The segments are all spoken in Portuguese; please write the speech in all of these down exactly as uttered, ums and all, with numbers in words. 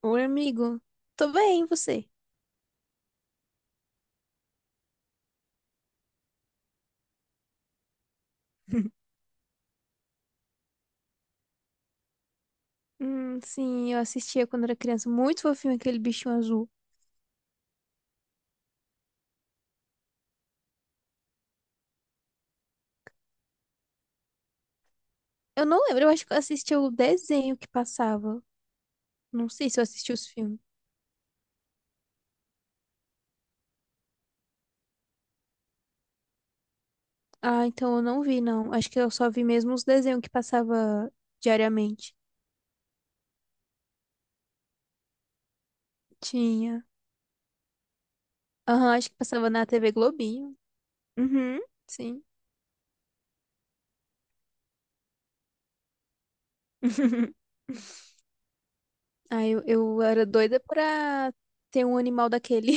Oi, amigo. Tô bem, e você? Hum, sim, eu assistia quando era criança. Muito fofinho aquele bichinho azul. Eu não lembro, eu acho que eu assisti o desenho que passava. Não sei se eu assisti os filmes. Ah, então eu não vi, não. Acho que eu só vi mesmo os desenhos que passava diariamente. Tinha. Aham, acho que passava na T V Globinho. Uhum, sim. Ah, eu, eu era doida pra ter um animal daquele.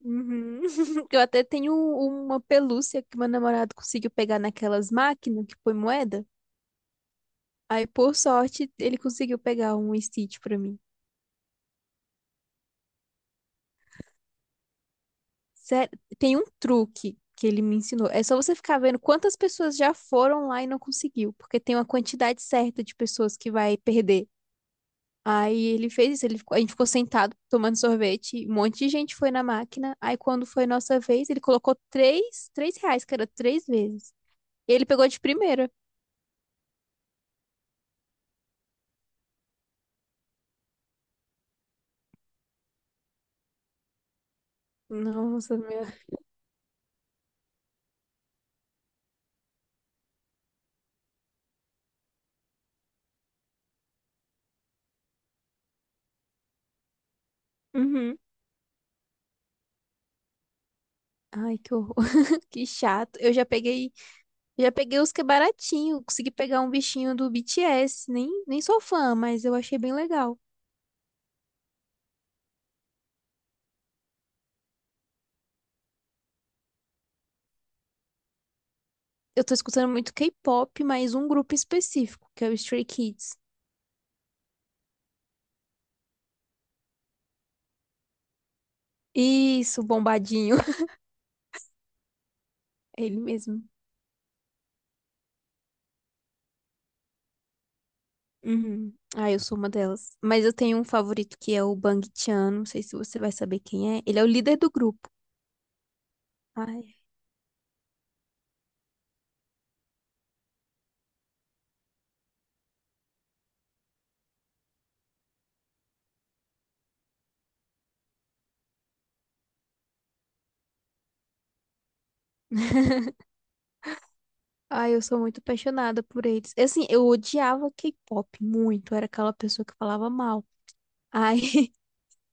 Uhum. Eu até tenho uma pelúcia que meu namorado conseguiu pegar naquelas máquinas que põe moeda. Aí, por sorte, ele conseguiu pegar um Stitch pra mim. Sério, tem um truque que ele me ensinou. É só você ficar vendo quantas pessoas já foram lá e não conseguiu, porque tem uma quantidade certa de pessoas que vai perder. Aí ele fez isso, ele ficou- a gente ficou sentado tomando sorvete, um monte de gente foi na máquina. Aí quando foi nossa vez, ele colocou três, três reais, que era três vezes. E ele pegou de primeira. Nossa, meu. Uhum. Ai, que horror, que chato. Eu já peguei, já peguei os que é baratinho, consegui pegar um bichinho do B T S, nem, nem sou fã, mas eu achei bem legal. Eu tô escutando muito K-pop, mas um grupo específico, que é o Stray Kids. Isso, bombadinho. É ele mesmo. Uhum. Ah, eu sou uma delas. Mas eu tenho um favorito que é o Bang Chan, não sei se você vai saber quem é. Ele é o líder do grupo. Ai. Ai, eu sou muito apaixonada por eles. Assim, eu odiava K-pop muito, era aquela pessoa que falava mal. Aí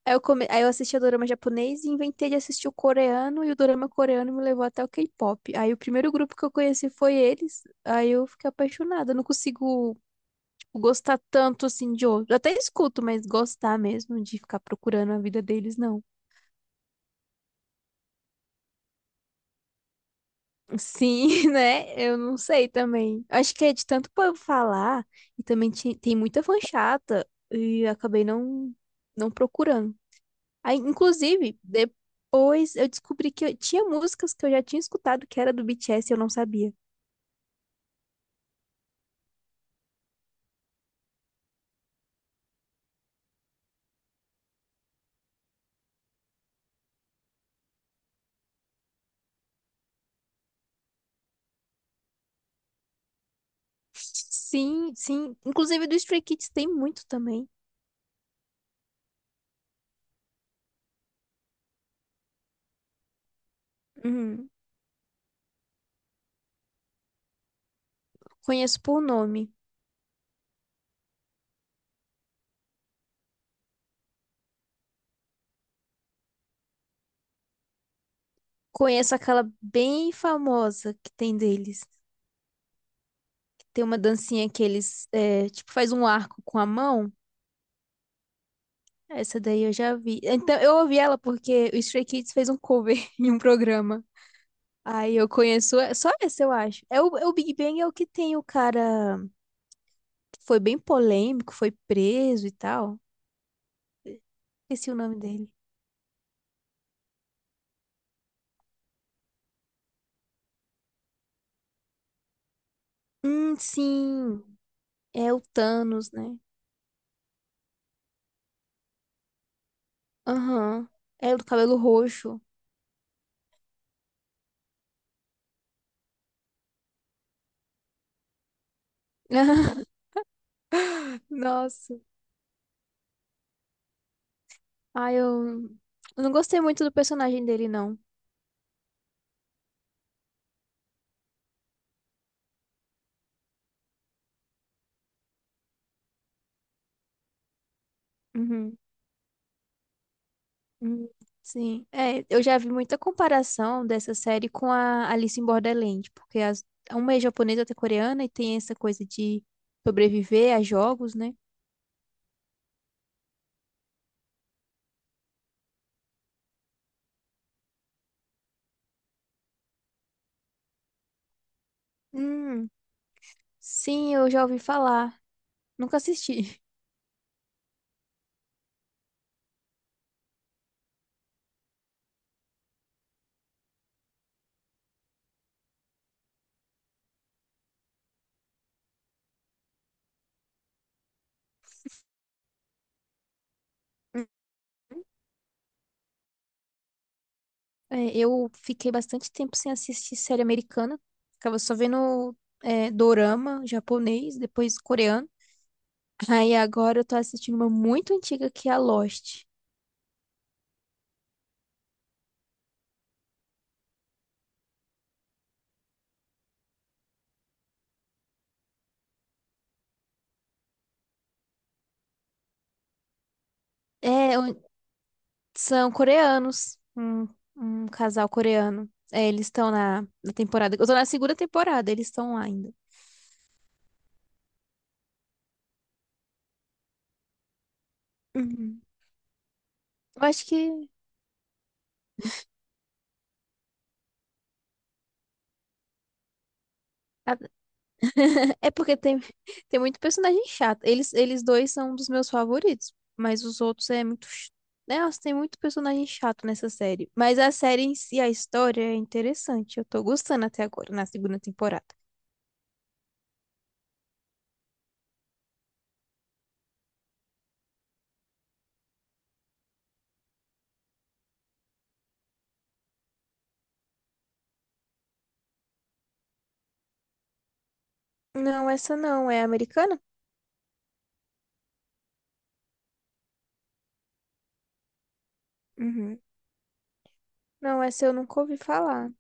aí eu, come... aí eu assistia dorama japonês e inventei de assistir o coreano, e o dorama coreano me levou até o K-pop. Aí o primeiro grupo que eu conheci foi eles, aí eu fiquei apaixonada. Eu não consigo, tipo, gostar tanto assim de outro. Eu Até escuto, mas gostar mesmo de ficar procurando a vida deles, não. Sim, né? Eu não sei também. Acho que é de tanto povo falar e também ti- tem muita fã chata e eu acabei não não procurando. Aí, inclusive, depois eu descobri que eu tinha músicas que eu já tinha escutado que era do B T S e eu não sabia. Sim, sim. Inclusive do Stray Kids tem muito também. Uhum. Conheço por nome. Conheço aquela bem famosa que tem deles. Tem uma dancinha que eles, é, tipo, faz um arco com a mão. Essa daí eu já vi. Então, eu ouvi ela porque o Stray Kids fez um cover em um programa. Aí eu conheço é- só essa, eu acho. É o, é o Big Bang é o que tem o cara que foi bem polêmico, foi preso e tal. Esqueci o nome dele. Hum, sim. É o Thanos, né? Aham. É o do cabelo roxo. Nossa. Ai, eu eu não gostei muito do personagem dele, não. Uhum. Hum, Sim, é, eu já vi muita comparação dessa série com a Alice em Borderland, porque as, uma é japonesa, outra é coreana, e tem essa coisa de sobreviver a jogos, né? Hum, sim, eu já ouvi falar, nunca assisti. É, eu fiquei bastante tempo sem assistir série americana, ficava só vendo é, dorama japonês, depois coreano. Aí agora eu tô assistindo uma muito antiga que é a Lost. É, São coreanos, um, um casal coreano. É, eles estão na, na temporada. Eu tô na segunda temporada, eles estão lá ainda. Uhum. Eu acho que. É porque tem, tem muito personagem chato. Eles, eles dois são um dos meus favoritos, mas os outros é muito. ch- Nossa, tem muito personagem chato nessa série. Mas a série em si, a história é interessante. Eu tô gostando até agora, na segunda temporada. Não, essa não é americana? Uhum. Não, essa eu nunca ouvi falar.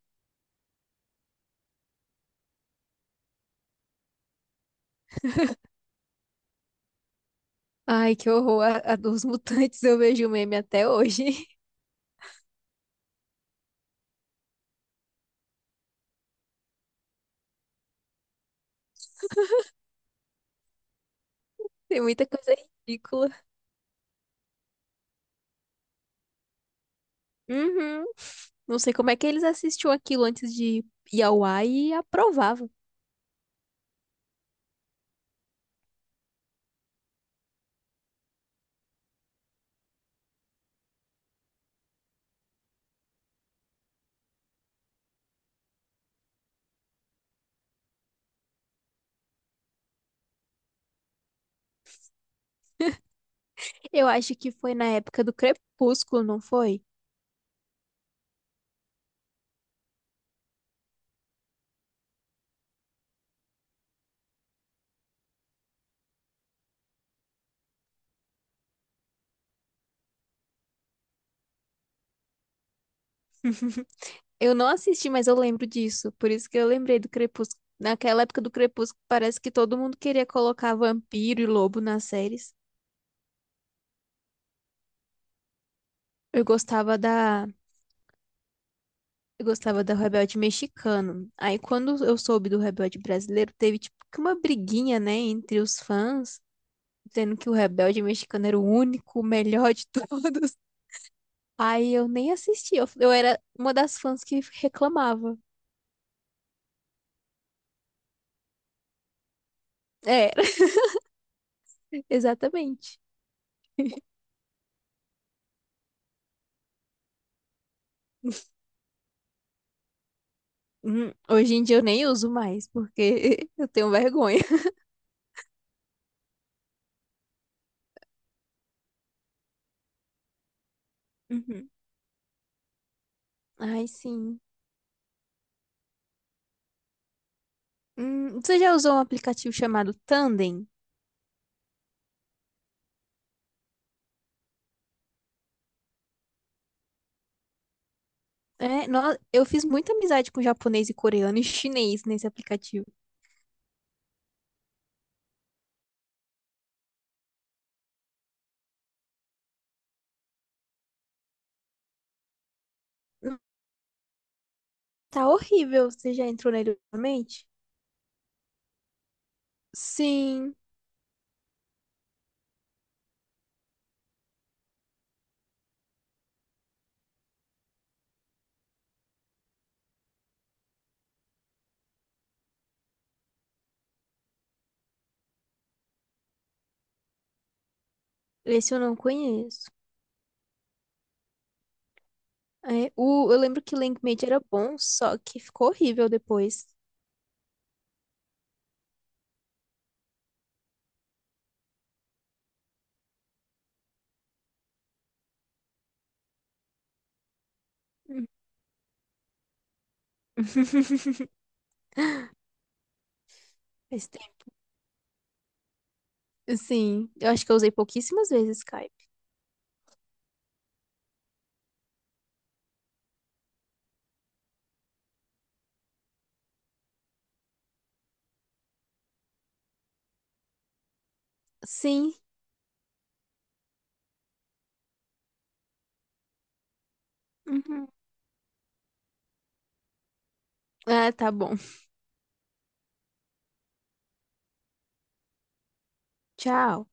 Ai, que horror. A, a dos mutantes eu vejo meme até hoje. Tem muita coisa ridícula. Uhum. Não sei como é que eles assistiam aquilo antes de ir ao ar e aprovavam. Eu acho que foi na época do Crepúsculo, não foi? Eu não assisti, mas eu lembro disso. Por isso que eu lembrei do Crepúsculo. Naquela época do Crepúsculo, parece que todo mundo queria colocar vampiro e lobo nas séries. Eu gostava da Eu gostava do Rebelde Mexicano. Aí, quando eu soube do Rebelde Brasileiro, teve tipo que uma briguinha, né, entre os fãs, dizendo que o Rebelde Mexicano era o único, o melhor de todos. Aí eu nem assisti. Eu, eu era uma das fãs que reclamava. É, exatamente. Hum, Hoje em dia eu nem uso mais, porque eu tenho vergonha. Uhum. Ai, sim. Hum, você já usou um aplicativo chamado Tandem? É, nó- eu fiz muita amizade com japonês e coreano e chinês nesse aplicativo. Tá horrível. Você já entrou nele ultimamente? Sim, esse eu não conheço. É, o, eu lembro que Linkmate era bom, só que ficou horrível depois. Hum. Faz tempo. Sim, eu acho que eu usei pouquíssimas vezes Skype. Sim. Uhum. Ah, tá bom. Tchau.